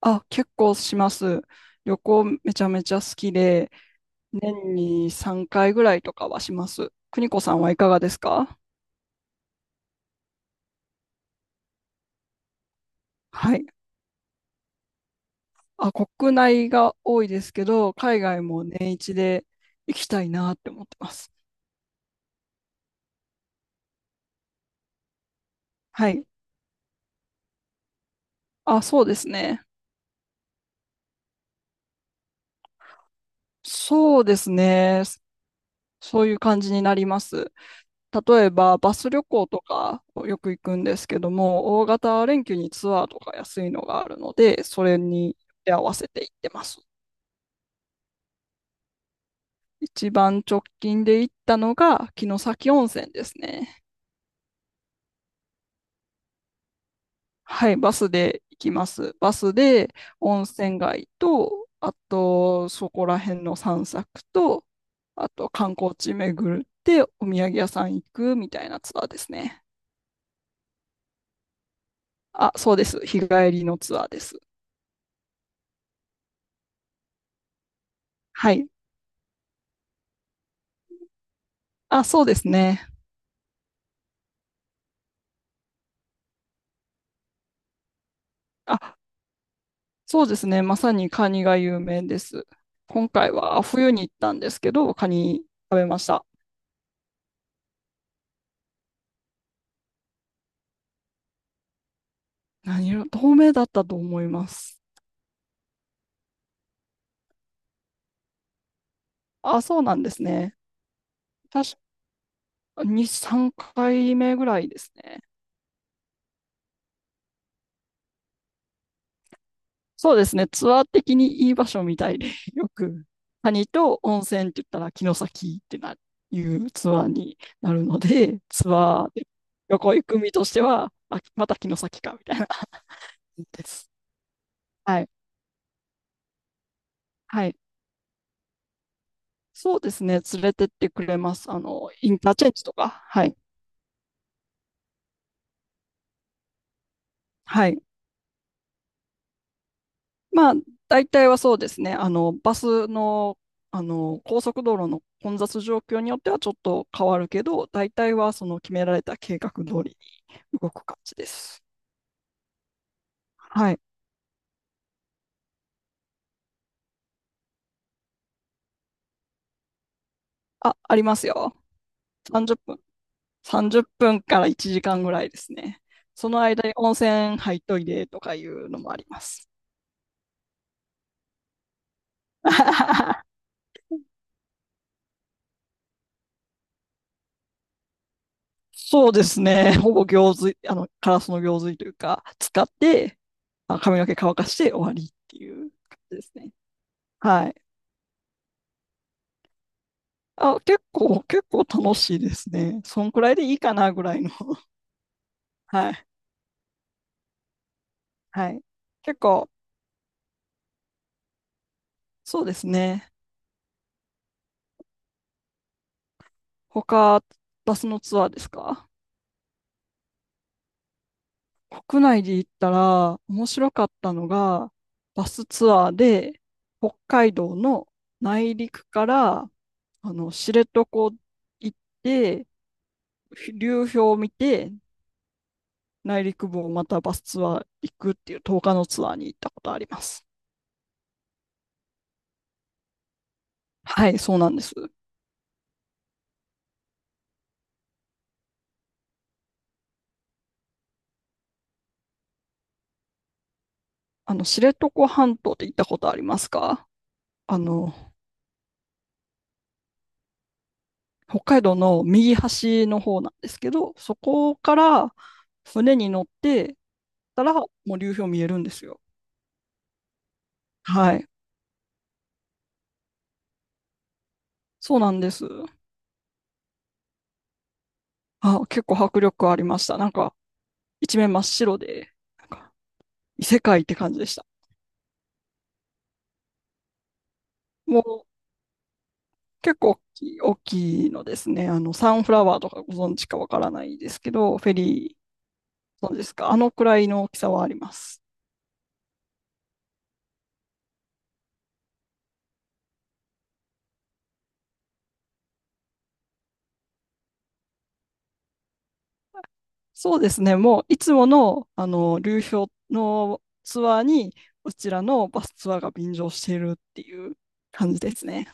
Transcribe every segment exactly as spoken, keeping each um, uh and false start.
あ、結構します。旅行めちゃめちゃ好きで、年にさんかいぐらいとかはします。邦子さんはいかがですか？はい。あ、国内が多いですけど、海外も年一で行きたいなって思ってます。はい。あ、そうですね。そうですね。そういう感じになります。例えば、バス旅行とかよく行くんですけども、大型連休にツアーとか安いのがあるので、それに合わせて行ってます。一番直近で行ったのが城崎温泉ですね。はい、バスで行きます。バスで温泉街と、あとそこら辺の散策と、あと観光地巡ってお土産屋さん行くみたいなツアーですね。あ、そうです。日帰りのツアーです。はい。あ、そうですね。あ、そうですね。まさにカニが有名です。今回は冬に行ったんですけど、カニ食べました。何色、透明だったと思います。あ、そうなんですね。確かにさんかいめぐらいですね。そうですね。ツアー的にいい場所みたいで、よく谷と温泉って言ったら城崎ってな、いうツアーになるので、ツアーで旅行行く身としては、あ、また城崎かみたいな感じです。はい。はい。そうですね。連れてってくれます。あの、インターチェンジとか。はい。はい。まあ、大体はそうですね。あの、バスの、あの、高速道路の混雑状況によってはちょっと変わるけど、大体はその決められた計画通りに動く感じです。はい。あ、ありますよ。さんじゅっぷん。さんじゅっぷんからいちじかんぐらいですね。その間に温泉入っといでとかいうのもあります。そうですね。ほぼ行水、あの、カラスの行水というか、使って、まあ髪の毛乾かして終わりっていう感じですね。はい。あ、結構、結構楽しいですね。そんくらいでいいかなぐらいの。はい。はい。結構、そうですね。他、バスのツアーですか？国内で行ったら、面白かったのが、バスツアーで、北海道の内陸から、あの、知床行って、流氷を見て、内陸部をまたバスツアー行くっていうとおかのツアーに行ったことあります。はい、そうなんです。あの、知床半島って行ったことありますか？あの、北海道の右端の方なんですけど、そこから船に乗ってたら、もう流氷見えるんですよ。はい。そうなんです。あ、結構迫力ありました。なんか、一面真っ白で、なんか、異世界って感じでした。もう、結構大きい、大きいのですね。あの、サンフラワーとかご存知かわからないですけど、フェリー、そうですか。あのくらいの大きさはあります。そうですね。もう、いつもの、あの、流氷のツアーに、うちらのバスツアーが便乗しているっていう感じですね。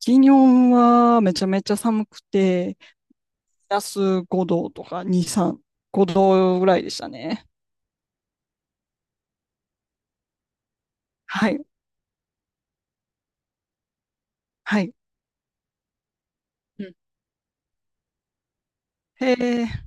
金曜はめちゃめちゃ寒くて、プラスごどとかに、さん、ごどぐらいでしたね。はい、はい。うん、へえ、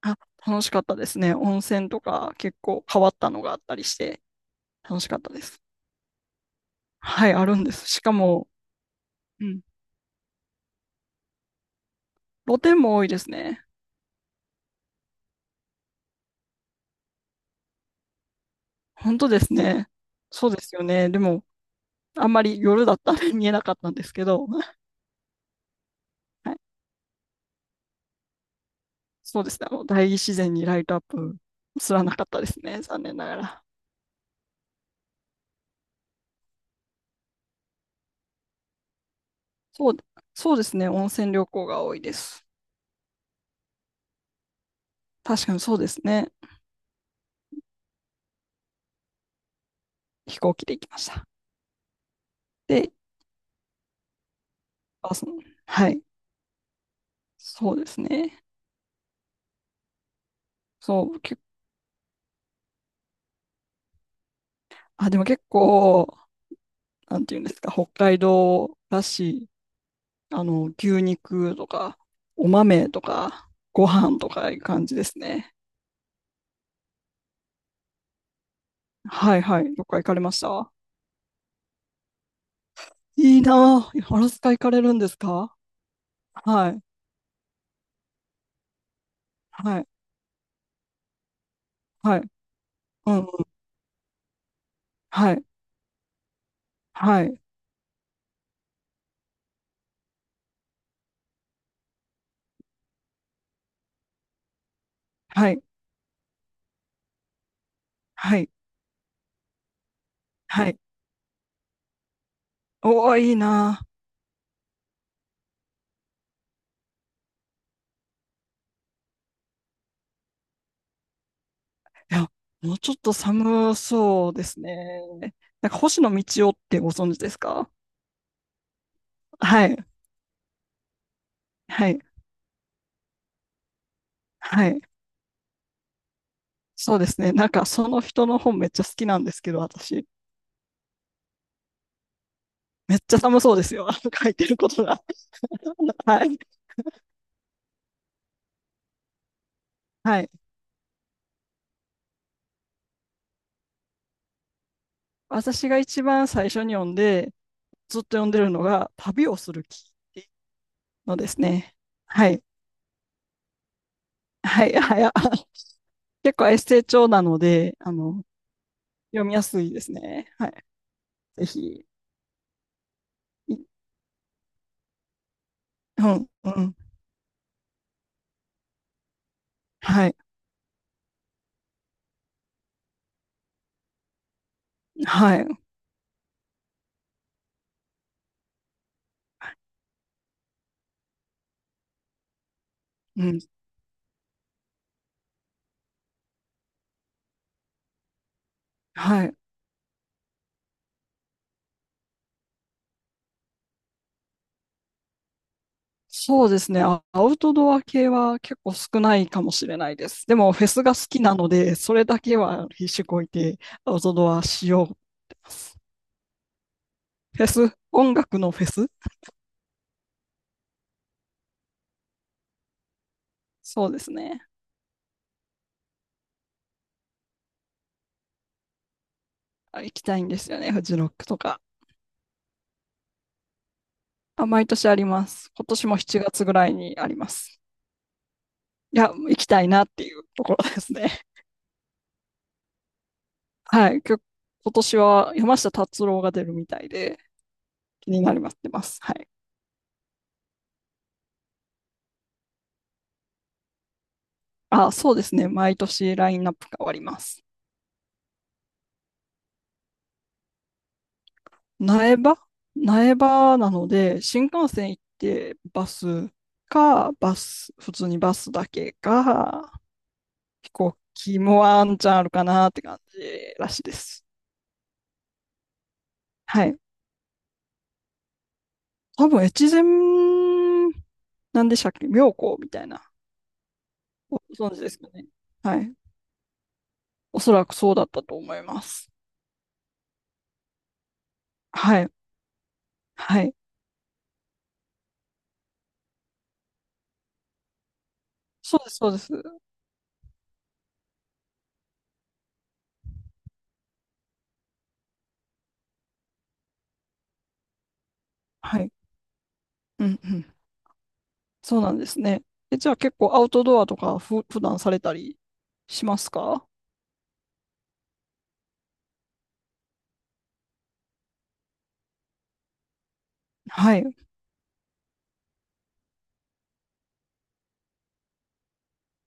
あ、楽しかったですね。温泉とか結構変わったのがあったりして、楽しかったです。はい、あるんです。しかも、うん、露天も多いですね。本当ですね。そうですよね。でも、あんまり夜だったんで見えなかったんですけど、はい、そうですね、あの大自然にライトアップすらなかったですね、残念ながら。そう、そうですね、温泉旅行が多いです。確かにそうですね、飛行機で行きました。で、あ、その、はい、そうですね、そう、け、あ、でも結構、なんていうんですか、北海道らしい、あの、牛肉とか、お豆とか、ご飯とかいう感じですね。はいはい、どっか行かれました？いいなあ。アラスカ行かれるんですか？はい。はい。はい。うんうん。はい。はい。はい。はい。はい。おお、いいなあ。いや、もうちょっと寒そうですね。なんか、星野道夫ってご存知ですか？はい。はい。はい。そうですね。なんか、その人の本めっちゃ好きなんですけど、私。めっちゃ寒そうですよ。あの書いてることが。はい。はい。私が一番最初に読んで、ずっと読んでるのが、旅をする気。のですね。はい。はい。はい。あ 結構エッセイ調なので、あの、読みやすいですね。はい。ぜひ。い、うん、うん。はい。はい。うん。はい。そうですね。あ、アウトドア系は結構少ないかもしれないです。でも、フェスが好きなので、それだけは必死こいてアウトドアしようってます。フェス、音楽のフェス。そうですね。あ、行きたいんですよね。フジロックとか。あ、毎年あります。今年もしちがつぐらいにあります。いや、行きたいなっていうところですね。はい。きょ今年は山下達郎が出るみたいで気になりますってます。はい。あ、そうですね。毎年ラインナップが変わります。苗場苗場なので、新幹線行ってバスか、バス、普通にバスだけか、飛行機もワンチャンあるかなって感じらしいです。はい。多分、越前、なんでしたっけ妙高みたいな。ご存知ですかね。はい。おそらくそうだったと思います。はい。はい。そうです、そうです。はい。うん、うん。そうなんですね。え、じゃあ結構アウトドアとかふ、普段されたりしますか？はい。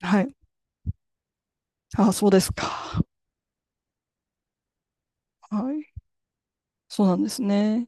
はい。あ、そうですか。はい。そうなんですね。